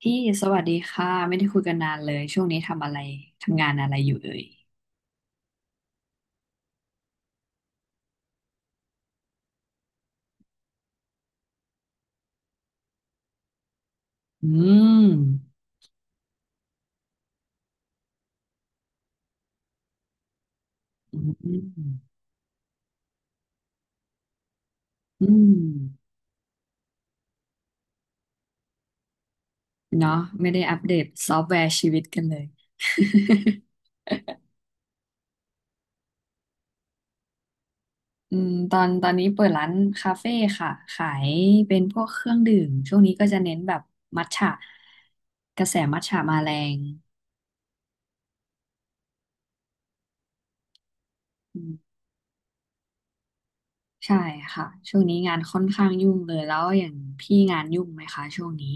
พี่สวัสดีค่ะไม่ได้คุยกันนานเลยช่วงนี้ทำงานอะไรอยู่เอ่ยอืมอืมอืมเนาะไม่ได้อัปเดตซอฟต์แวร์ชีวิตกันเลย อืมตอนนี้เปิดร้านคาเฟ่ค่ะขายเป็นพวกเครื่องดื่มช่วงนี้ก็จะเน้นแบบมัทฉะกระแสมัทฉะมาแรงอืมใช่ค่ะช่วงนี้งานค่อนข้างยุ่งเลยแล้วอย่างพี่งานยุ่งไหมคะช่วงนี้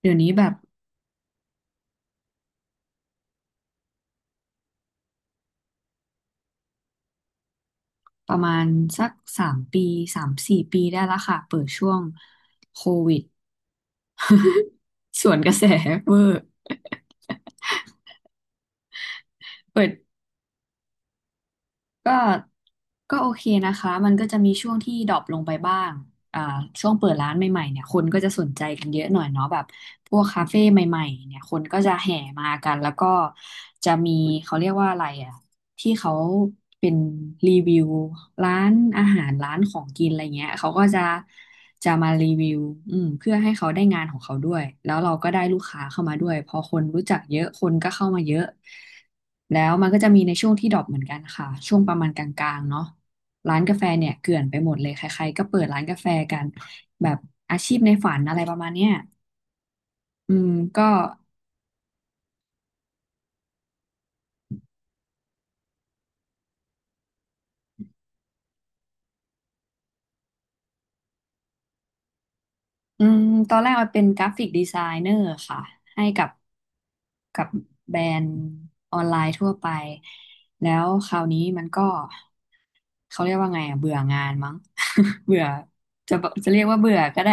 เดี๋ยวนี้แบบ ประมาณสัก3 ปี3-4 ปีได้ละค่ะเปิดช่วงโควิด สวนกระแสเวอร์เปิดก็ก็โอเคนะคะมันก็จะมีช่วงที่ดรอปลงไปบ้าง อ่าช่วงเปิดร้านใหม่ๆเนี่ยคนก็จะสนใจกันเยอะหน่อยเนาะแบบพวกคาเฟ่ใหม่ๆเนี่ยคนก็จะแห่มากันแล้วก็จะมีเขาเรียกว่าอะไรอ่ะที่เขาเป็นรีวิวร้านอาหารร้านของกินอะไรเงี้ยเขาก็จะมารีวิวเพื่อให้เขาได้งานของเขาด้วยแล้วเราก็ได้ลูกค้าเข้ามาด้วยพอคนรู้จักเยอะคนก็เข้ามาเยอะแล้วมันก็จะมีในช่วงที่ดรอปเหมือนกันค่ะช่วงประมาณกลางๆเนาะ ร้านกาแฟเนี่ยเกลื่อนไปหมดเลยใครๆก็เปิดร้านกาแฟกันแบบอาชีพในฝันอะไรประมาณเนี้ยอืมก็อืมตอนแรกมันเป็นกราฟิกดีไซเนอร์ค่ะให้กับแบรนด์ออนไลน์ทั่วไปแล้วคราวนี้มันก็เขาเรียกว่าไงอ่ะเบื่องานมั้ง เบื่อจะจะเรียกว่าเบื่อก็ได้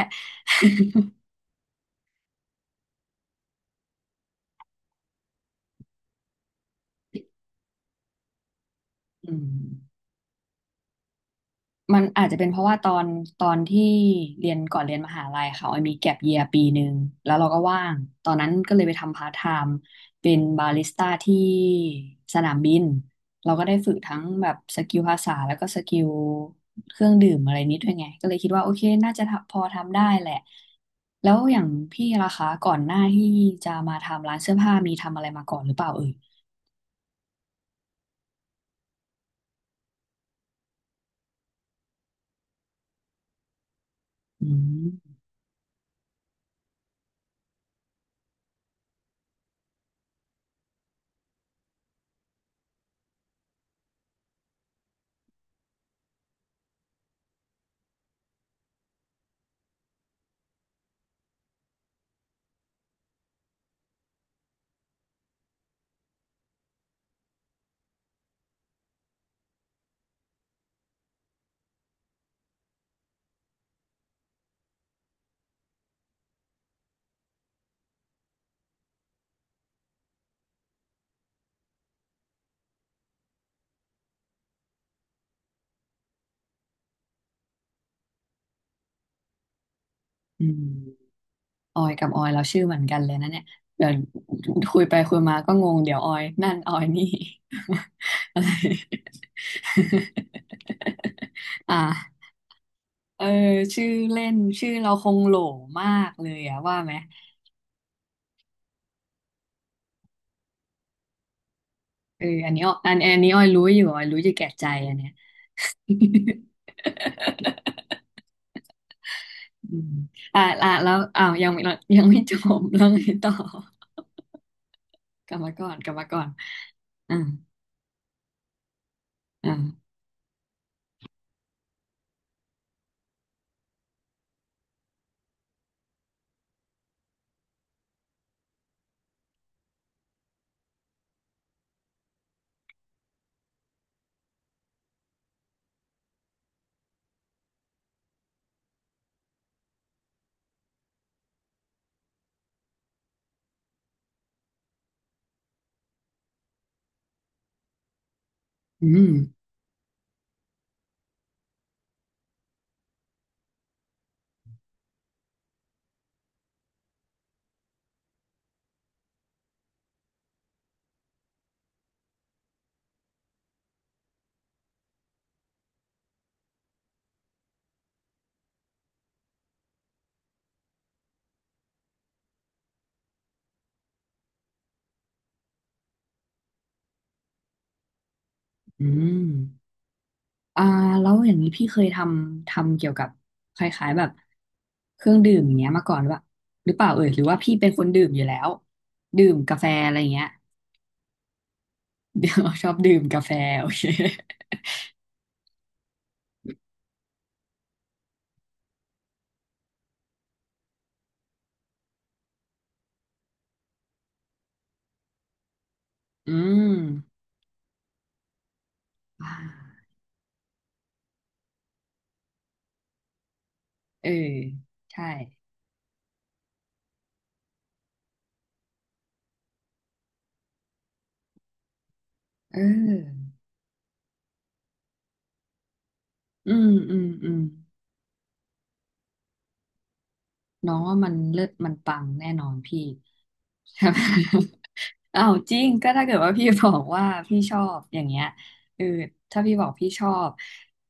อืม มันอาจจะเป็นเพราะว่าตอนที่เรียนก่อนเรียนมหาลัยค่ะออยมีแก็ปเยีย1 ปีแล้วเราก็ว่างตอนนั้นก็เลยไปทำพาร์ทไทม์เป็นบาริสต้าที่สนามบินเราก็ได้ฝึกทั้งแบบสกิลภาษาแล้วก็สกิลเครื่องดื่มอะไรนิดด้วยไงก็เลยคิดว่าโอเคน่าจะทำพอทำได้แหละแล้วอย่างพี่ล่ะคะก่อนหน้าที่จะมาทำร้านเสื้อผ้ามีทำอะไรมาก่อนหรือเปล่าเอ่ยอืมอืม ออยกับออยเราชื่อเหมือนกันเลยนะเนี่ยเดี๋ยวคุยไปคุยมาก็งงเดี๋ยวออยนั่นออยนี่ อะไร อ่าเออชื่อเล่นชื่อเราคงโหลมากเลยอะว่าไหมเอออันนี้ออันอันนี้ออยรู้อยู่ออยรู้อยู่แก่ใจอันเนี้ย อืมอ่าอ่าแล้วอ้าวยังไม่จบแล้วไงต่อกลับมาก่อนกลับมาก่อนอ่าอ่าอืมอืม อ่าแล้วอย่างนี้พี่เคยทำเกี่ยวกับคล้ายๆแบบเครื่องดื่มอย่างเงี้ยมาก่อนหรือเปล่าเอ่ยหรือว่าพี่เป็นคนดื่มอยู่แล้วดื่มกาแฟอะไรอย่างเงี้ย เดี๋ยวชอบดื่มกาแฟ โอเคอืมอ่าเออใช่เอออืมอืมอืม น้องว่ามันเลิศมันปังแน่นอนพี่ ใช่ไหม อ้าวจริงก็ถ้าเกิดว่าพี่บอกว่าพี่ชอบอย่างเงี้ยเออถ้าพี่บอกพี่ชอบ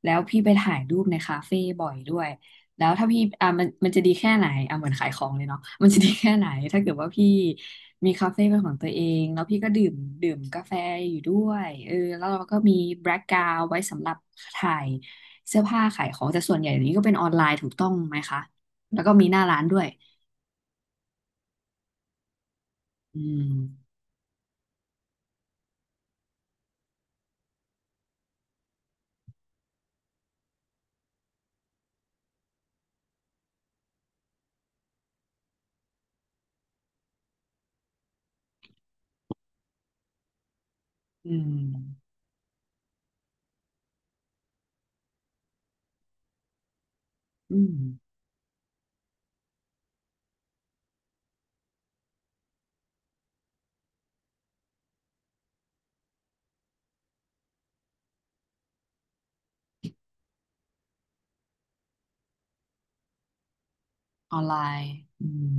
แล้วพี่ไปถ่ายรูปในคาเฟ่บ่อยด้วยแล้วถ้าพี่อ่ะมันจะดีแค่ไหนอ่ะเหมือนขายของเลยเนาะ มันจะดีแค่ไหนถ้าเกิดว่าพี่มีคาเฟ่เป็นของตัวเองแล้วพี่ก็ดื่มกาแฟอยู่ด้วยเออแล้วเราก็มีแบล็กกราวไว้สำหรับถ่ายเสื้อผ้าขายของแต่ส่วนใหญ่นี้ก็เป็นออนไลน์ถูกต้องไหมคะ แล้วก็มีหน้าร้านด้วยอืมอืมอืมออนไลน์อืม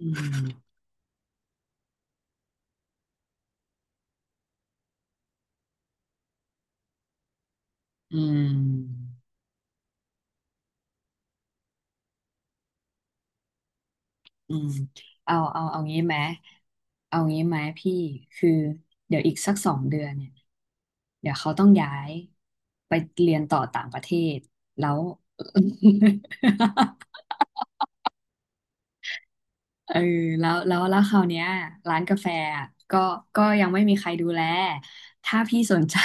อืมอืมอืมเอางี้ไหมเอางี้ไหมพี่ คือเดี๋ยวอีกสักสองเดือนเนี่ยเดี๋ยวเขาต้องย้ายไปเรียนต่อต่างประเทศแล้ว เออแล้วคราวเนี้ยร้านกาแฟอะก็ก็ยังไม่มีใครดูแลถ้าพี่สนใจ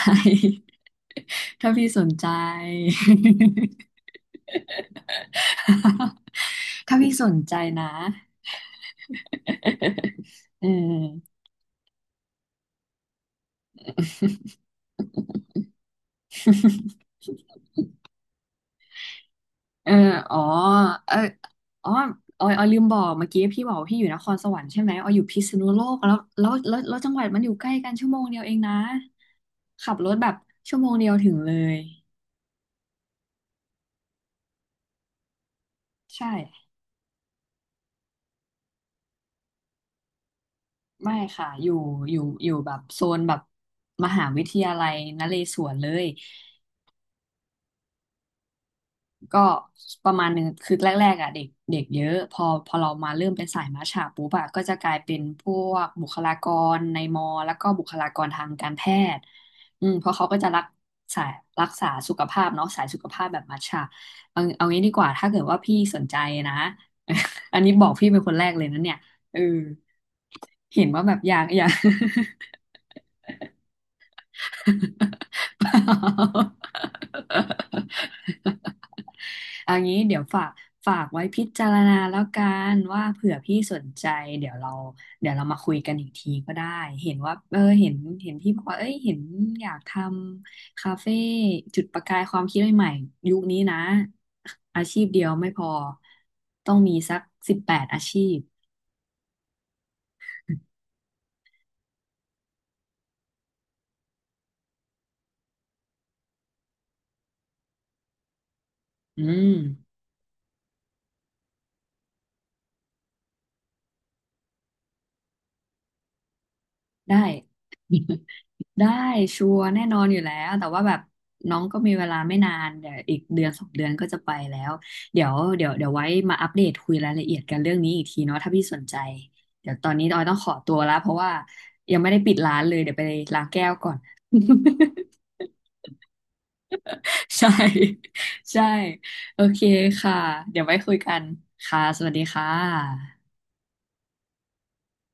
ถ้าพี่สนใจ ถ้าพี่สนใจนะ เออเอออ๋อเอออ๋อออยลืมบอกเมื่อกี้พี่บอกว่าพี่อยู่นครสวรรค์ใช่ไหมออยอยู่พิษณุโลกแล้วจังหวัดมันอยู่ใกล้กันชั่วโมงเดียวเองนะขับรถแบบชั่วโมงเดียวถึงเลยใช่ ไม่ค่ะอยู่แบบโซนแบบมหาวิทยาลัยนเรศวรเลยก็ประมาณนึงคือแรกๆอ่ะเด็กเด็กเยอะพอเรามาเริ่มเป็นสายมัชฉะปุ๊บอะก็จะกลายเป็นพวกบุคลากรในมอแล้วก็บุคลากรทางการแพทย์เพราะเขาก็จะรักสายรักษาสุขภาพเนาะสายสุขภาพแบบมัชฉะเอาเอางี้ดีกว่าถ้าเกิดว่าพี่สนใจนะ อันนี้บอกพี่เป็นคนแรกเลยนะเนี่ยเออเห็นว่าแบบอยาก เปล่าเางี้เดี๋ยวฝากไว้พิจารณาแล้วกันว่าเผื่อพี่สนใจเดี๋ยวเราเดี๋ยวเรามาคุยกันอีกทีก็ได้เห็นว่าเออเห็นพี่บอกว่าเอ้ยเห็นอยากทำคาเฟ่จุดประกายความคิดใหม่ๆยุคนี้นะอาชีพเดียวไม่พอต้องมีสัก18 อาชีพอืมได้ ได้ชัวร์แน่นอนอยู่แล้วแต่ว่าแบบน้องก็มีเวลาไม่นานเดี๋ยวอีกเดือนสองเดือนก็จะไปแล้วเดี๋ยวไว้มาอัปเดตคุยรายละเอียดกันเรื่องนี้อีกทีเนาะถ้าพี่สนใจเดี๋ยวตอนนี้ออยต้องขอตัวแล้วเพราะว่ายังไม่ได้ปิดร้านเลยเดี๋ยวไปล้างแก้วก่อน ใช่ใช่โอเคค่ะเดี๋ยวไว้คุยกันค่ะสวัสดีค่ะ